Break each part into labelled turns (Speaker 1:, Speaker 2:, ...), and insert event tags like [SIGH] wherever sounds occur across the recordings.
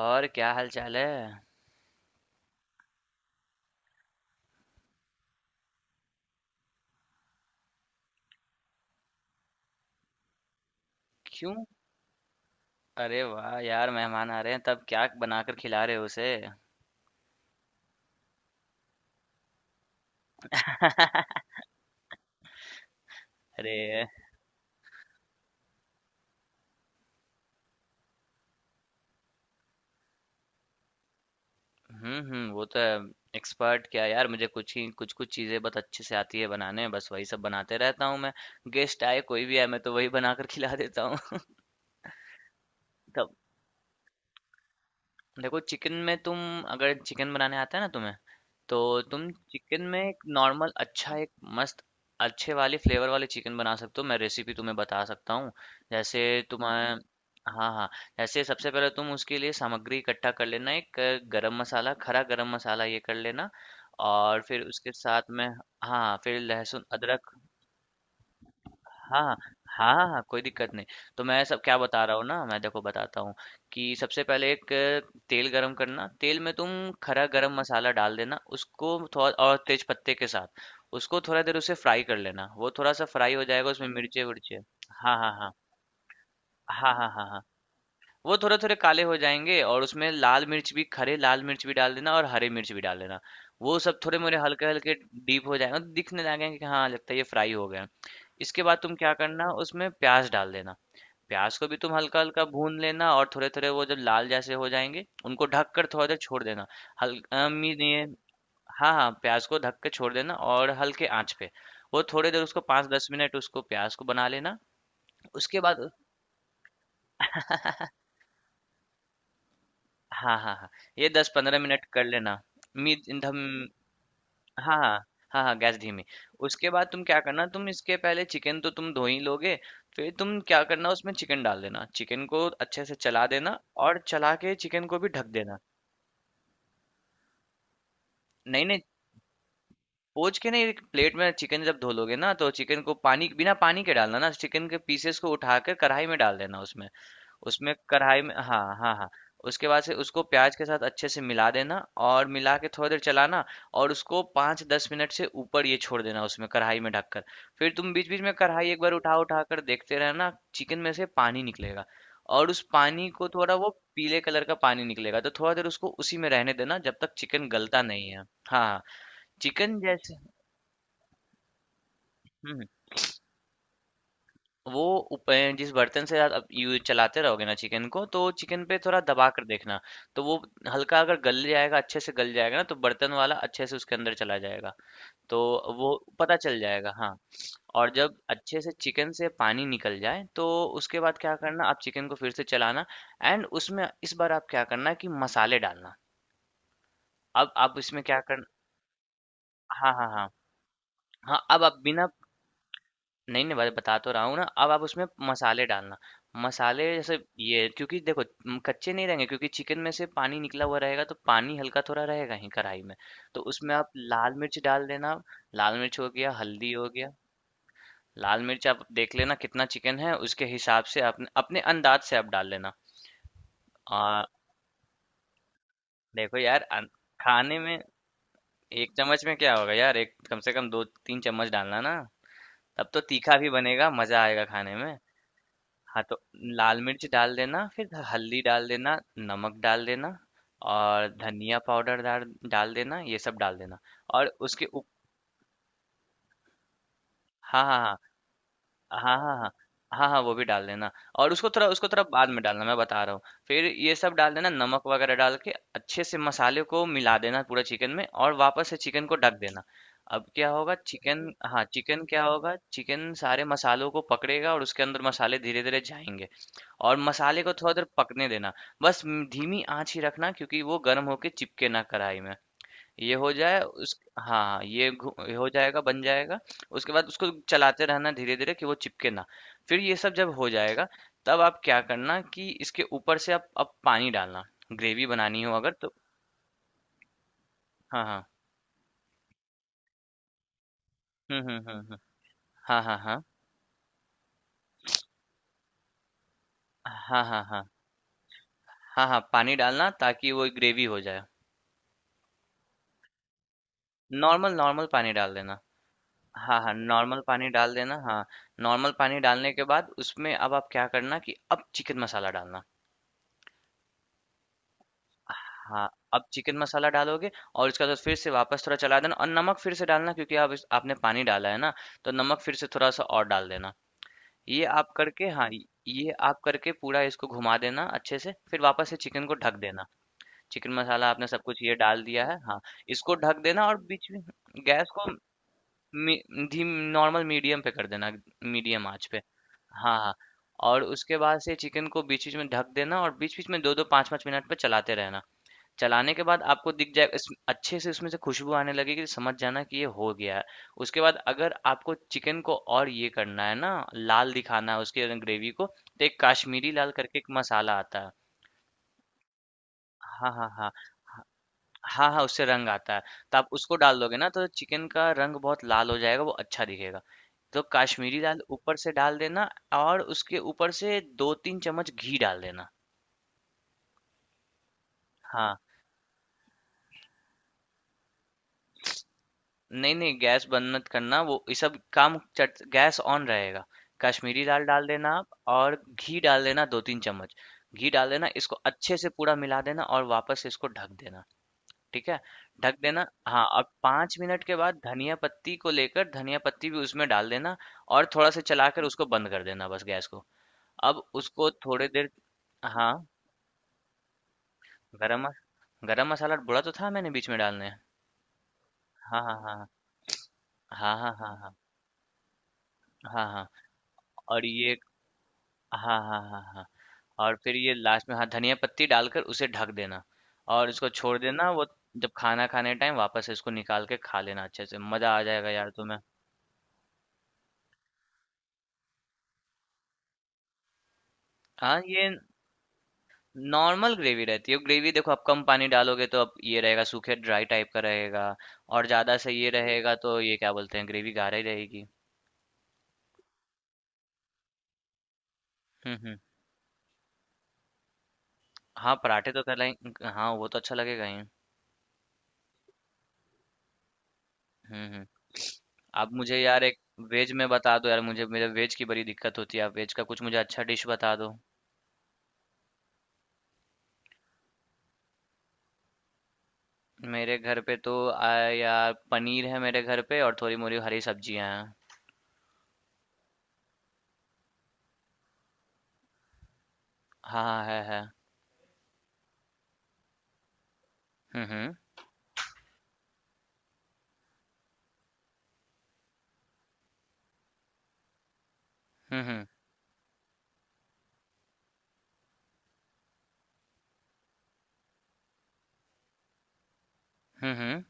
Speaker 1: और क्या हाल चाल है। क्यों? अरे वाह यार, मेहमान आ रहे हैं तब क्या बनाकर खिला रहे हो उसे? अरे, हम्म, वो तो है। एक्सपर्ट क्या यार, मुझे कुछ कुछ चीजें बहुत अच्छे से आती है बनाने, बस वही सब बनाते रहता हूँ मैं। गेस्ट आए कोई भी आए, मैं तो वही बनाकर खिला देता हूँ। [LAUGHS] देखो चिकन में तुम, अगर चिकन बनाने आता है ना तुम्हें, तो तुम चिकन में एक नॉर्मल अच्छा, एक मस्त अच्छे वाले फ्लेवर वाले चिकन बना सकते हो। मैं रेसिपी तुम्हें बता सकता हूँ। जैसे तुम्हें, हाँ हाँ, जैसे सबसे पहले तुम उसके लिए सामग्री इकट्ठा कर लेना। एक गरम मसाला, खरा गरम मसाला ये कर लेना। और फिर उसके साथ में, हाँ, फिर लहसुन अदरक। हाँ, हाँ, हाँ, कोई दिक्कत नहीं। तो मैं सब क्या बता रहा हूँ ना, मैं देखो बताता हूँ कि सबसे पहले एक तेल गरम करना। तेल में तुम खड़ा गरम मसाला डाल देना, उसको थोड़ा, और तेज पत्ते के साथ। उसको थोड़ा देर उसे फ्राई कर लेना। वो थोड़ा सा फ्राई हो जाएगा, उसमें मिर्चे विर्चे। हाँ, हाँ, हाँ। हाँ, हाँ, हाँ, हाँ। वो थोड़े थोड़े काले हो जाएंगे, और उसमें लाल मिर्च भी, खड़े लाल मिर्च भी डाल देना, और हरे मिर्च भी डाल देना। वो सब थोड़े मोरे हल्के हल्के डीप हो जाएंगे, दिखने लगेंगे कि हाँ लगता है ये फ्राई हो गए। इसके बाद तुम क्या करना, उसमें प्याज डाल देना। प्याज को भी तुम हल्का हल्का भून लेना, और थोड़े थोड़े वो जब लाल जैसे हो जाएंगे उनको ढक कर थोड़ा देर छोड़ देना। हल्का। ये, हाँ हाँ, प्याज को ढक के छोड़ देना और हल्के आंच पे। वो थोड़ी देर उसको 5-10 मिनट उसको प्याज को बना लेना। उसके बाद [LAUGHS] हाँ हाँ हाँ, ये 10-15 मिनट कर लेना। मीडियम। हाँ हाँ, हाँ हाँ, गैस धीमी। उसके बाद तुम क्या करना, तुम इसके पहले चिकन तो तुम धो ही लोगे। फिर तुम क्या करना, उसमें चिकन डाल देना, चिकन को अच्छे से चला देना। और चला के चिकन को भी ढक देना। नहीं नहीं, पोंछ के नहीं, एक प्लेट में चिकन जब धो लोगे ना तो चिकन को पानी, बिना पानी के डालना ना, चिकन के पीसेस को उठाकर कढ़ाई में डाल देना उसमें। उसमें कढ़ाई में, हाँ, हाँ, हाँ। उसके बाद से उसको प्याज के साथ अच्छे से मिला देना, और मिला के थोड़ी देर चलाना। और उसको 5-10 मिनट से ऊपर ये छोड़ देना उसमें कढ़ाई में ढककर। फिर तुम बीच-बीच में कढ़ाई एक बार उठा-उठा कर देखते रहना, चिकन में से पानी निकलेगा, और उस पानी को थोड़ा वो, पीले कलर का पानी निकलेगा। तो थोड़ा देर उसको उसी में रहने देना जब तक चिकन गलता नहीं है। हाँ, चिकन जैसे, हुँ। वो जिस बर्तन से आप यू चलाते रहोगे ना चिकन को, तो चिकन पे थोड़ा दबा कर देखना। तो वो हल्का अगर गल जाएगा, अच्छे से गल जाएगा ना, तो बर्तन वाला अच्छे से उसके अंदर चला जाएगा। तो वो पता चल जाएगा, हाँ। और जब अच्छे से चिकन से पानी निकल जाए तो उसके बाद क्या करना, आप चिकन को फिर से चलाना। एंड उसमें इस बार आप क्या करना कि मसाले डालना। अब आप इसमें क्या करना, हाँ हाँ हाँ, हाँ अब आप बिना, नहीं, नहीं, मैं बता तो रहा हूँ ना। अब आप उसमें मसाले डालना। मसाले जैसे ये, क्योंकि देखो, कच्चे नहीं रहेंगे क्योंकि चिकन में से पानी निकला हुआ रहेगा, तो पानी हल्का थोड़ा रहेगा ही कढ़ाई में। तो उसमें आप लाल मिर्च डाल देना। लाल मिर्च हो गया, हल्दी हो गया। लाल मिर्च आप देख लेना कितना चिकन है उसके हिसाब से अपने अपने अंदाज से आप डाल लेना। आ, देखो यार खाने में एक चम्मच में क्या होगा यार, एक कम से कम 2-3 चम्मच डालना ना। तब तो तीखा भी बनेगा, मजा आएगा खाने में। हाँ, तो लाल मिर्च डाल देना, फिर हल्दी डाल देना, नमक डाल देना, और धनिया पाउडर डाल, डाल देना, ये सब डाल देना। और उसके उप, हाँ, हाँ, हाँ। हाँ, हाँ, हाँ। हाँ, हाँ, हाँ, वो भी डाल देना। और उसको थोड़ा, उसको थोड़ा बाद में डालना, मैं बता रहा हूँ। फिर ये सब डाल देना, नमक वगैरह डाल के अच्छे से मसाले को मिला देना पूरा चिकन में, और वापस से चिकन को ढक देना। अब क्या होगा चिकन, हाँ, चिकन क्या होगा, चिकन सारे मसालों को पकड़ेगा और उसके अंदर मसाले धीरे धीरे जाएंगे। और मसाले को थोड़ा देर पकने देना। बस धीमी आंच ही रखना, क्योंकि वो गर्म होके चिपके ना कढ़ाई में। ये हो जाए, उस हाँ हाँ, ये ये हो जाएगा, बन जाएगा। उसके बाद उसको चलाते रहना धीरे धीरे कि वो चिपके ना। फिर ये सब जब हो जाएगा, तब आप क्या करना कि इसके ऊपर से आप अब पानी डालना। ग्रेवी बनानी हो अगर तो, हाँ हाँ, हम्म हम्म हम्म हम्म, हाँ हाँ हाँ, हाँ हाँ हाँ, हाँ हाँ पानी डालना ताकि वो ग्रेवी हो जाए। नॉर्मल, नॉर्मल पानी डाल देना। हाँ हाँ, नॉर्मल पानी डाल देना, हाँ। नॉर्मल पानी डालने के बाद उसमें अब आप क्या करना कि अब चिकन मसाला डालना। हाँ, अब चिकन मसाला डालोगे और उसके बाद फिर से वापस थोड़ा चला देना, और नमक फिर से डालना क्योंकि आप आपने पानी डाला है ना, तो नमक फिर से थोड़ा सा और डाल देना। ये आप करके, हाँ, ये आप करके पूरा इसको घुमा देना अच्छे से, फिर वापस से चिकन को ढक देना। चिकन मसाला आपने सब कुछ ये डाल दिया है, हाँ। इसको ढक देना और बीच में गैस को, मी, धीम नॉर्मल मीडियम पे कर देना, मीडियम आंच पे। हाँ हाँ। और उसके बाद से चिकन को बीच बीच में ढक देना, और बीच बीच में दो दो पाँच पाँच मिनट पे चलाते रहना। चलाने के बाद आपको दिख जाए इस अच्छे से, इसमें से खुशबू आने लगेगी, समझ जाना कि ये हो गया है। उसके बाद अगर आपको चिकन को और ये करना है ना, लाल दिखाना है उसके ग्रेवी को, तो एक काश्मीरी लाल करके एक मसाला आता है। हाँ हाँ हाँ, हाँ, हाँ हाँ, उससे रंग आता है। तो आप उसको डाल दोगे ना तो चिकन का रंग बहुत लाल हो जाएगा, वो अच्छा दिखेगा। तो काश्मीरी लाल ऊपर से डाल देना। और उसके ऊपर से 2-3 चम्मच घी डाल देना। हाँ। नहीं, नहीं, गैस बंद मत करना, वो ये सब काम चट गैस ऑन रहेगा। कश्मीरी दाल डाल देना आप। और घी डाल देना 2-3 चम्मच। घी डाल देना, इसको अच्छे से पूरा मिला देना, और वापस इसको ढक देना। ठीक है? ढक देना, हाँ, और 5 मिनट के बाद धनिया पत्ती को लेकर, धनिया पत्ती भी उसमें डाल देना। और थोड़ा सा चलाकर उसको बंद कर देना, बस गैस को। अब उसको थोड़ी देर, हाँ, गरम मस गरम मसाला बोला तो था मैंने बीच में डालने। हाँ, हाँ, हाँ। हाँ, हाँ, हाँ, हाँ। हाँ, हाँ, और ये हाँ, हाँ, हाँ, हाँ। और फिर ये लास्ट में, हाँ, धनिया पत्ती डालकर उसे ढक देना, और इसको छोड़ देना। वो जब खाना खाने टाइम वापस इसको निकाल के खा लेना, अच्छे से मजा आ जाएगा यार तुम्हें। हाँ, ये नॉर्मल ग्रेवी रहती है। ग्रेवी देखो आप कम पानी डालोगे तो अब ये रहेगा, सूखे ड्राई टाइप का रहेगा। और ज्यादा से ये रहेगा तो ये क्या बोलते हैं, ग्रेवी गाढ़ा ही रहेगी। हम्म, हाँ पराठे तो कर लाएं, हाँ वो तो अच्छा लगेगा ही। हम्म। आप मुझे यार एक, वेज में बता दो यार मुझे, मेरे वेज की बड़ी दिक्कत होती है। आप वेज का कुछ मुझे अच्छा डिश बता दो। मेरे घर पे तो यार पनीर है मेरे घर पे, और थोड़ी मोरी हरी सब्जियां हैं। हाँ हाँ, है है। हम्म हम्म हम्म हम्म हम्म हम्म,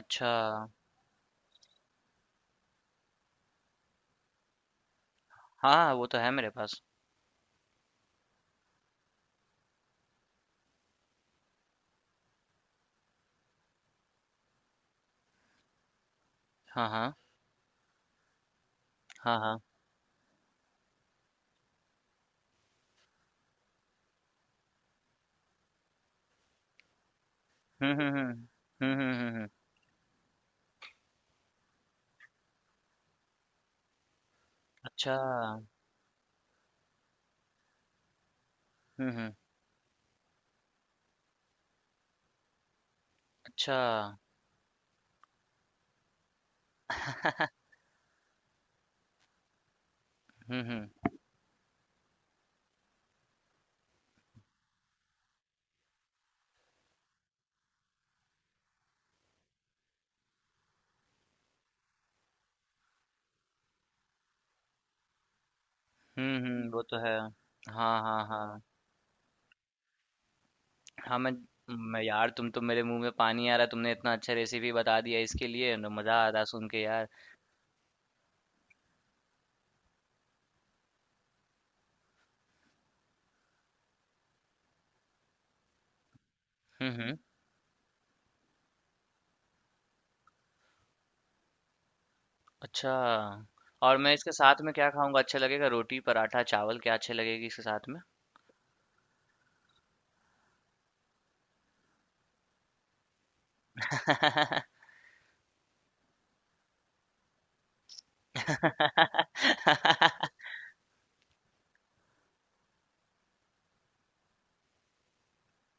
Speaker 1: अच्छा, हाँ हाँ, वो तो है मेरे पास। हाँ हाँ हाँ, हाँ। हम्म हम्म हम्म हम्म हम्म हम्म, हम्म, अच्छा, हम्म, अच्छा, हम्म हम्म वो तो है। हाँ हाँ हाँ। हाँ मैं यार तुम तो, मेरे मुंह में पानी आ रहा है, तुमने इतना अच्छा रेसिपी बता दिया इसके लिए, तो मजा आ रहा सुन के यार। हम्म। अच्छा, और मैं इसके साथ में क्या खाऊँगा अच्छा लगेगा? रोटी, पराठा, चावल क्या अच्छे लगेगी इसके साथ में? [LAUGHS]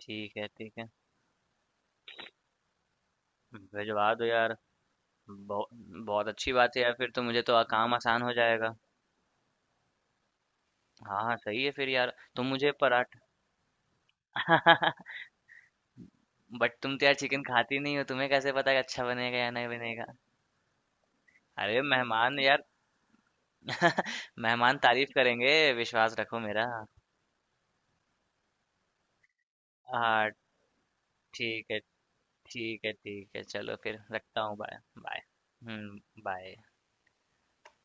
Speaker 1: ठीक है, ठीक है। भिजवा दो यार। बहु बहुत अच्छी बात है यार, फिर तो मुझे तो काम आसान हो जाएगा। हाँ, हाँ, सही है फिर यार। तुम मुझे पराठा। [LAUGHS] बट तुम तो यार चिकन खाती नहीं हो, तुम्हें कैसे पता कि अच्छा बनेगा या नहीं बनेगा? अरे मेहमान यार, मेहमान तारीफ़ करेंगे, विश्वास रखो मेरा। हाँ, ठीक है। ठीक है, ठीक है, चलो फिर रखता हूँ, बाय। बाय। हम्म। बाय।